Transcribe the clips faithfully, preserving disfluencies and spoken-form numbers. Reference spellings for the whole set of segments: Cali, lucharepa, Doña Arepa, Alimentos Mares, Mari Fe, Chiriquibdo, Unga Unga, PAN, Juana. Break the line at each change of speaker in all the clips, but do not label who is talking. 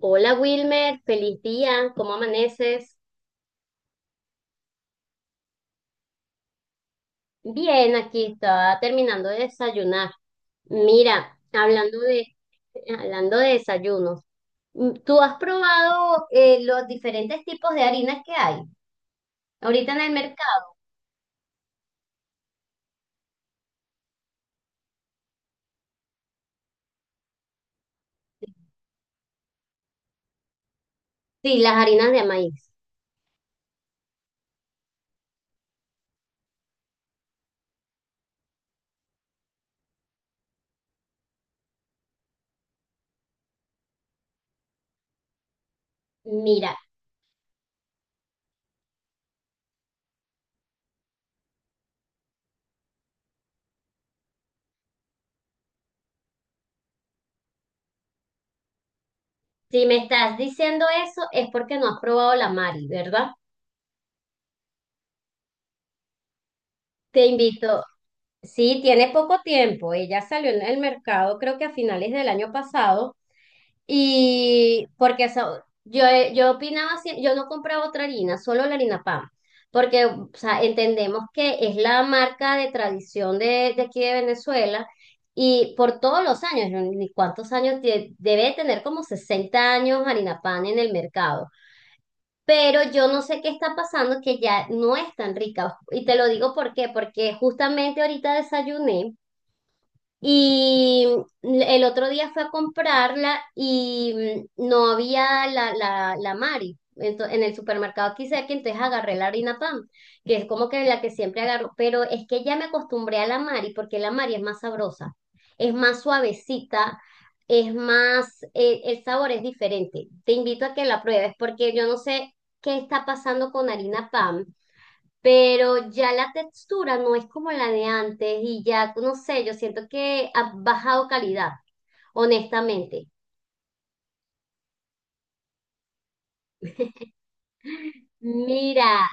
Hola Wilmer, feliz día, ¿cómo amaneces? Bien, aquí estaba terminando de desayunar. Mira, hablando de, hablando de desayunos, mm, ¿tú has probado eh, los diferentes tipos de harinas que hay ahorita en el mercado? Sí, las harinas de maíz. Mira, si me estás diciendo eso es porque no has probado la Mari, ¿verdad? Te invito. Sí, tiene poco tiempo. Ella salió en el mercado, creo que a finales del año pasado. Y porque eso, yo, yo opinaba, sie- yo no compraba otra harina, solo la harina PAN, porque o sea, entendemos que es la marca de tradición de, de aquí de Venezuela y por todos los años, ¿no? Ni cuántos años, tie- debe tener como sesenta años harina PAN en el mercado. Pero yo no sé qué está pasando que ya no es tan rica. Y te lo digo por qué, porque justamente ahorita desayuné. Y el otro día fue a comprarla y mm, no había la, la, la Mari. Ento- en el supermercado aquí cerca, entonces agarré la harina pan, que es como que la que siempre agarro, pero es que ya me acostumbré a la Mari porque la Mari es más sabrosa, es más suavecita, es más, eh, el sabor es diferente. Te invito a que la pruebes porque yo no sé qué está pasando con harina pan pero ya la textura no es como la de antes y ya, no sé, yo siento que ha bajado calidad, honestamente. Mira,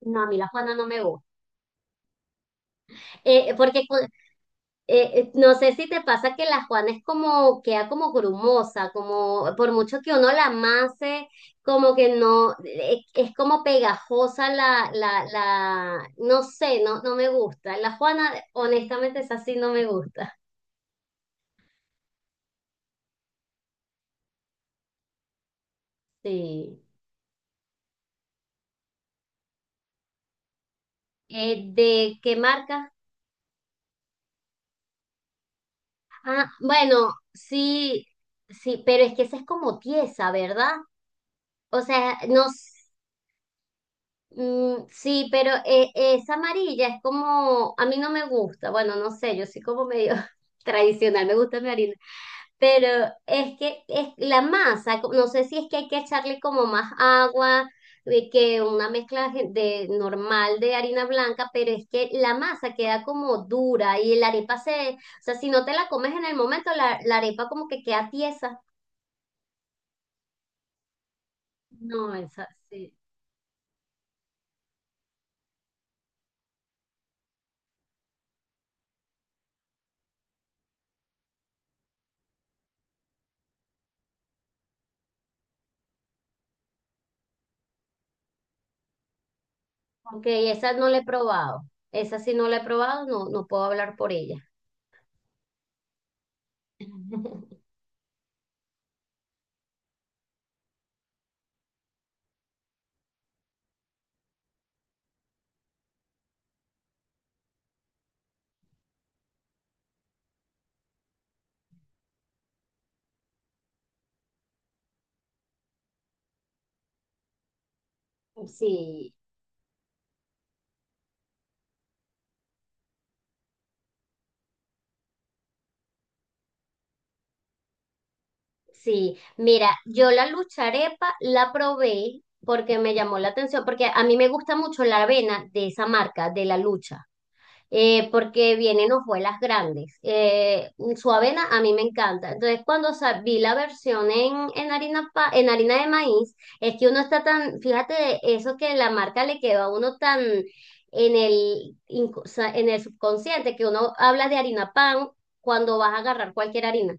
no, a mí la Juana no me gusta. Eh, porque cu- eh, eh, no sé si te pasa que la Juana es como, queda como grumosa, como por mucho que uno la amase, como que no, eh, es como pegajosa la, la, la, no sé, no, no me gusta. La Juana, honestamente, es así, no me gusta. Sí. Eh, ¿de qué marca? Ah, bueno, sí, sí, pero es que esa es como tiesa, ¿verdad? O sea, no, s- mm, sí, pero eh, esa amarilla es como, a mí no me gusta, bueno, no sé, yo soy como medio tradicional, me gusta mi pero es que es la masa, co- no sé si es que hay que echarle como más agua eh, que una mezcla gen- de normal de harina blanca, pero es que la masa queda como dura y la arepa se, o sea, si no te la comes en el momento, la, la arepa como que queda tiesa. No, esa sí. Ok, esa no la he probado. Esa sí no la he probado, no, no puedo hablar por ella. Sí. Sí, mira, yo la lucharepa la probé porque me llamó la atención, porque a mí me gusta mucho la avena de esa marca, de la lucha, eh, porque vienen hojuelas grandes. Eh, su avena a mí me encanta. Entonces, cuando sa- vi la versión en, en harina pa- en harina de maíz, es que uno está tan, fíjate, eso que la marca le quedó a uno tan en el, inco- o en el subconsciente, que uno habla de harina pan cuando vas a agarrar cualquier harina.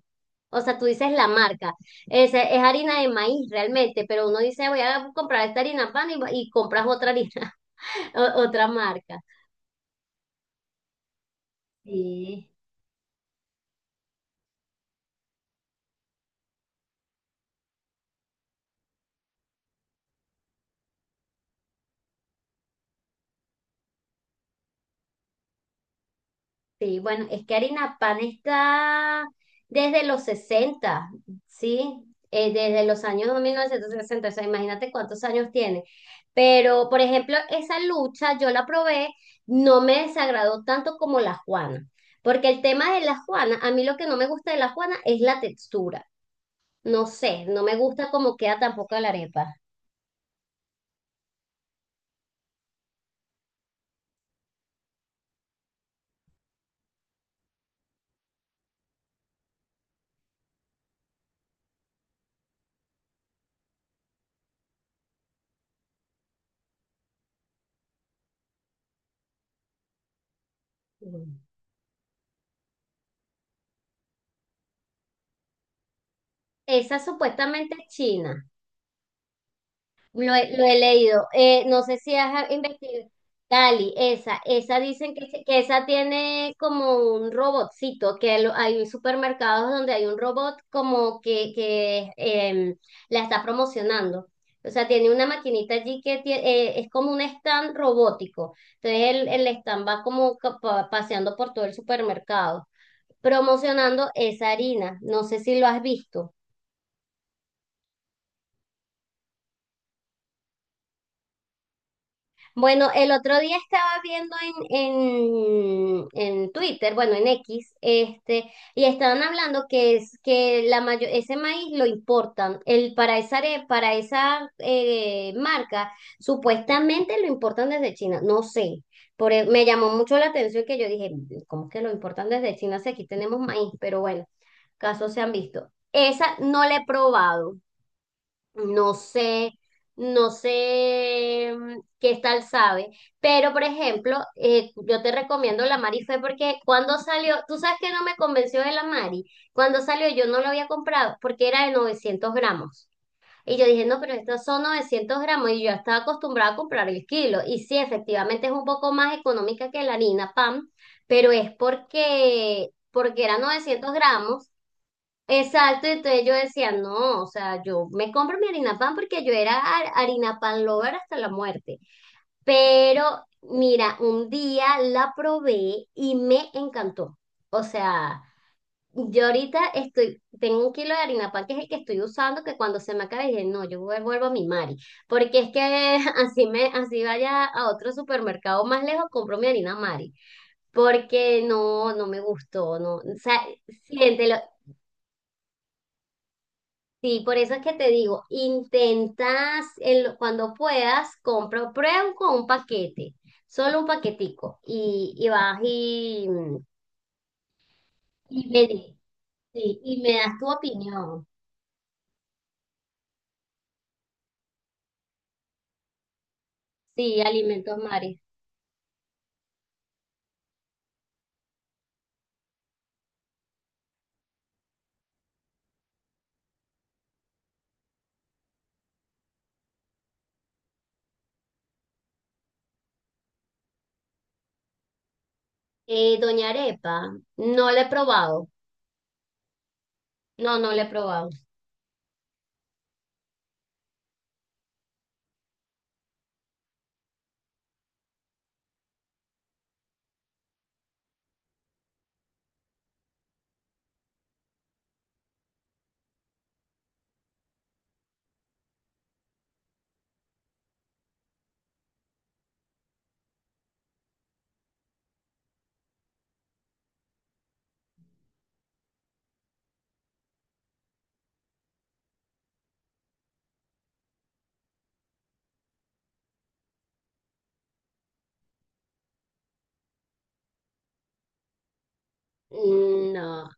O sea, tú dices la marca, es, es harina de maíz realmente, pero uno dice voy a comprar esta harina pan y, y compras otra harina, o- otra marca. Sí, sí, bueno, es que harina pan está desde los sesenta, ¿sí? Eh, desde los años mil novecientos sesenta, o sea, imagínate cuántos años tiene. Pero, por ejemplo, esa lucha yo la probé, no me desagradó tanto como la Juana, porque el tema de la Juana, a mí lo que no me gusta de la Juana es la textura. No sé, no me gusta cómo queda tampoco la arepa. Mm. Esa supuestamente es china. Lo he, lo he leído. Eh, no sé si has investigado. Cali, esa, esa dicen que, se- que esa tiene como un robotcito, que lo- hay supermercados donde hay un robot como que, que em, la está promocionando. O sea, tiene una maquinita allí que tie- eh, es como un stand robótico. Entonces el, el stand va como ca- pa- paseando por todo el supermercado, promocionando esa harina. No sé si lo has visto. Bueno, el otro día estaba viendo en, en, en Twitter, bueno, en X, este, y estaban hablando que es que la mayo- ese maíz lo importan. El, para esa, are- Para esa eh, marca, supuestamente lo importan desde China. No sé. Por, e- me llamó mucho la atención que yo dije, ¿cómo que lo importan desde China si aquí tenemos maíz? Pero bueno, casos se han visto. Esa no la he probado. No sé, no sé mm, qué tal sabe, pero por ejemplo, eh, yo te recomiendo la Mari Fe porque cuando salió, tú sabes que no me convenció de la Mari, cuando salió yo no lo había comprado porque era de novecientos gramos. Y yo dije, no, pero estos son novecientos gramos y yo estaba acostumbrada a comprar el kilo. Y sí, efectivamente es un poco más económica que la harina PAN, pero es porque, porque era novecientos gramos. Exacto, entonces yo decía, no, o sea, yo me compro mi harina pan porque yo era har- harina pan lover hasta la muerte. Pero mira, un día la probé y me encantó. O sea, yo ahorita estoy, tengo un kilo de harina pan que es el que estoy usando, que cuando se me acabe dije, no, yo vuel- vuelvo a mi Mari, porque es que así me, así vaya a otro supermercado más lejos, compro mi harina Mari, porque no, no me gustó, no, o sea, siéntelo. Sí, por eso es que te digo, intentas en lo- cuando puedas, compra, prueba con un paquete, solo un paquetico, y, y vas y, y me, di- sí, y me das tu opinión. Sí, Alimentos Mares. Eh, Doña Arepa, no la he probado. No, no la he probado. Mm, no,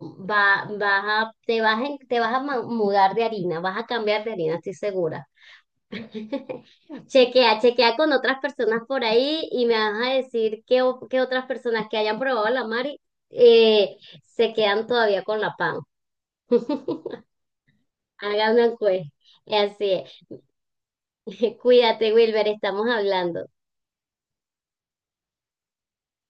va, vas a, te vas, en- te vas a ma- mudar de harina, vas a cambiar de harina, estoy segura. Chequea, chequea con otras personas por ahí y me vas a decir que, otras personas que hayan probado la Mari eh, se quedan todavía con la pan. Hagan una encuesta. Así es. Cuídate, Wilber, estamos hablando.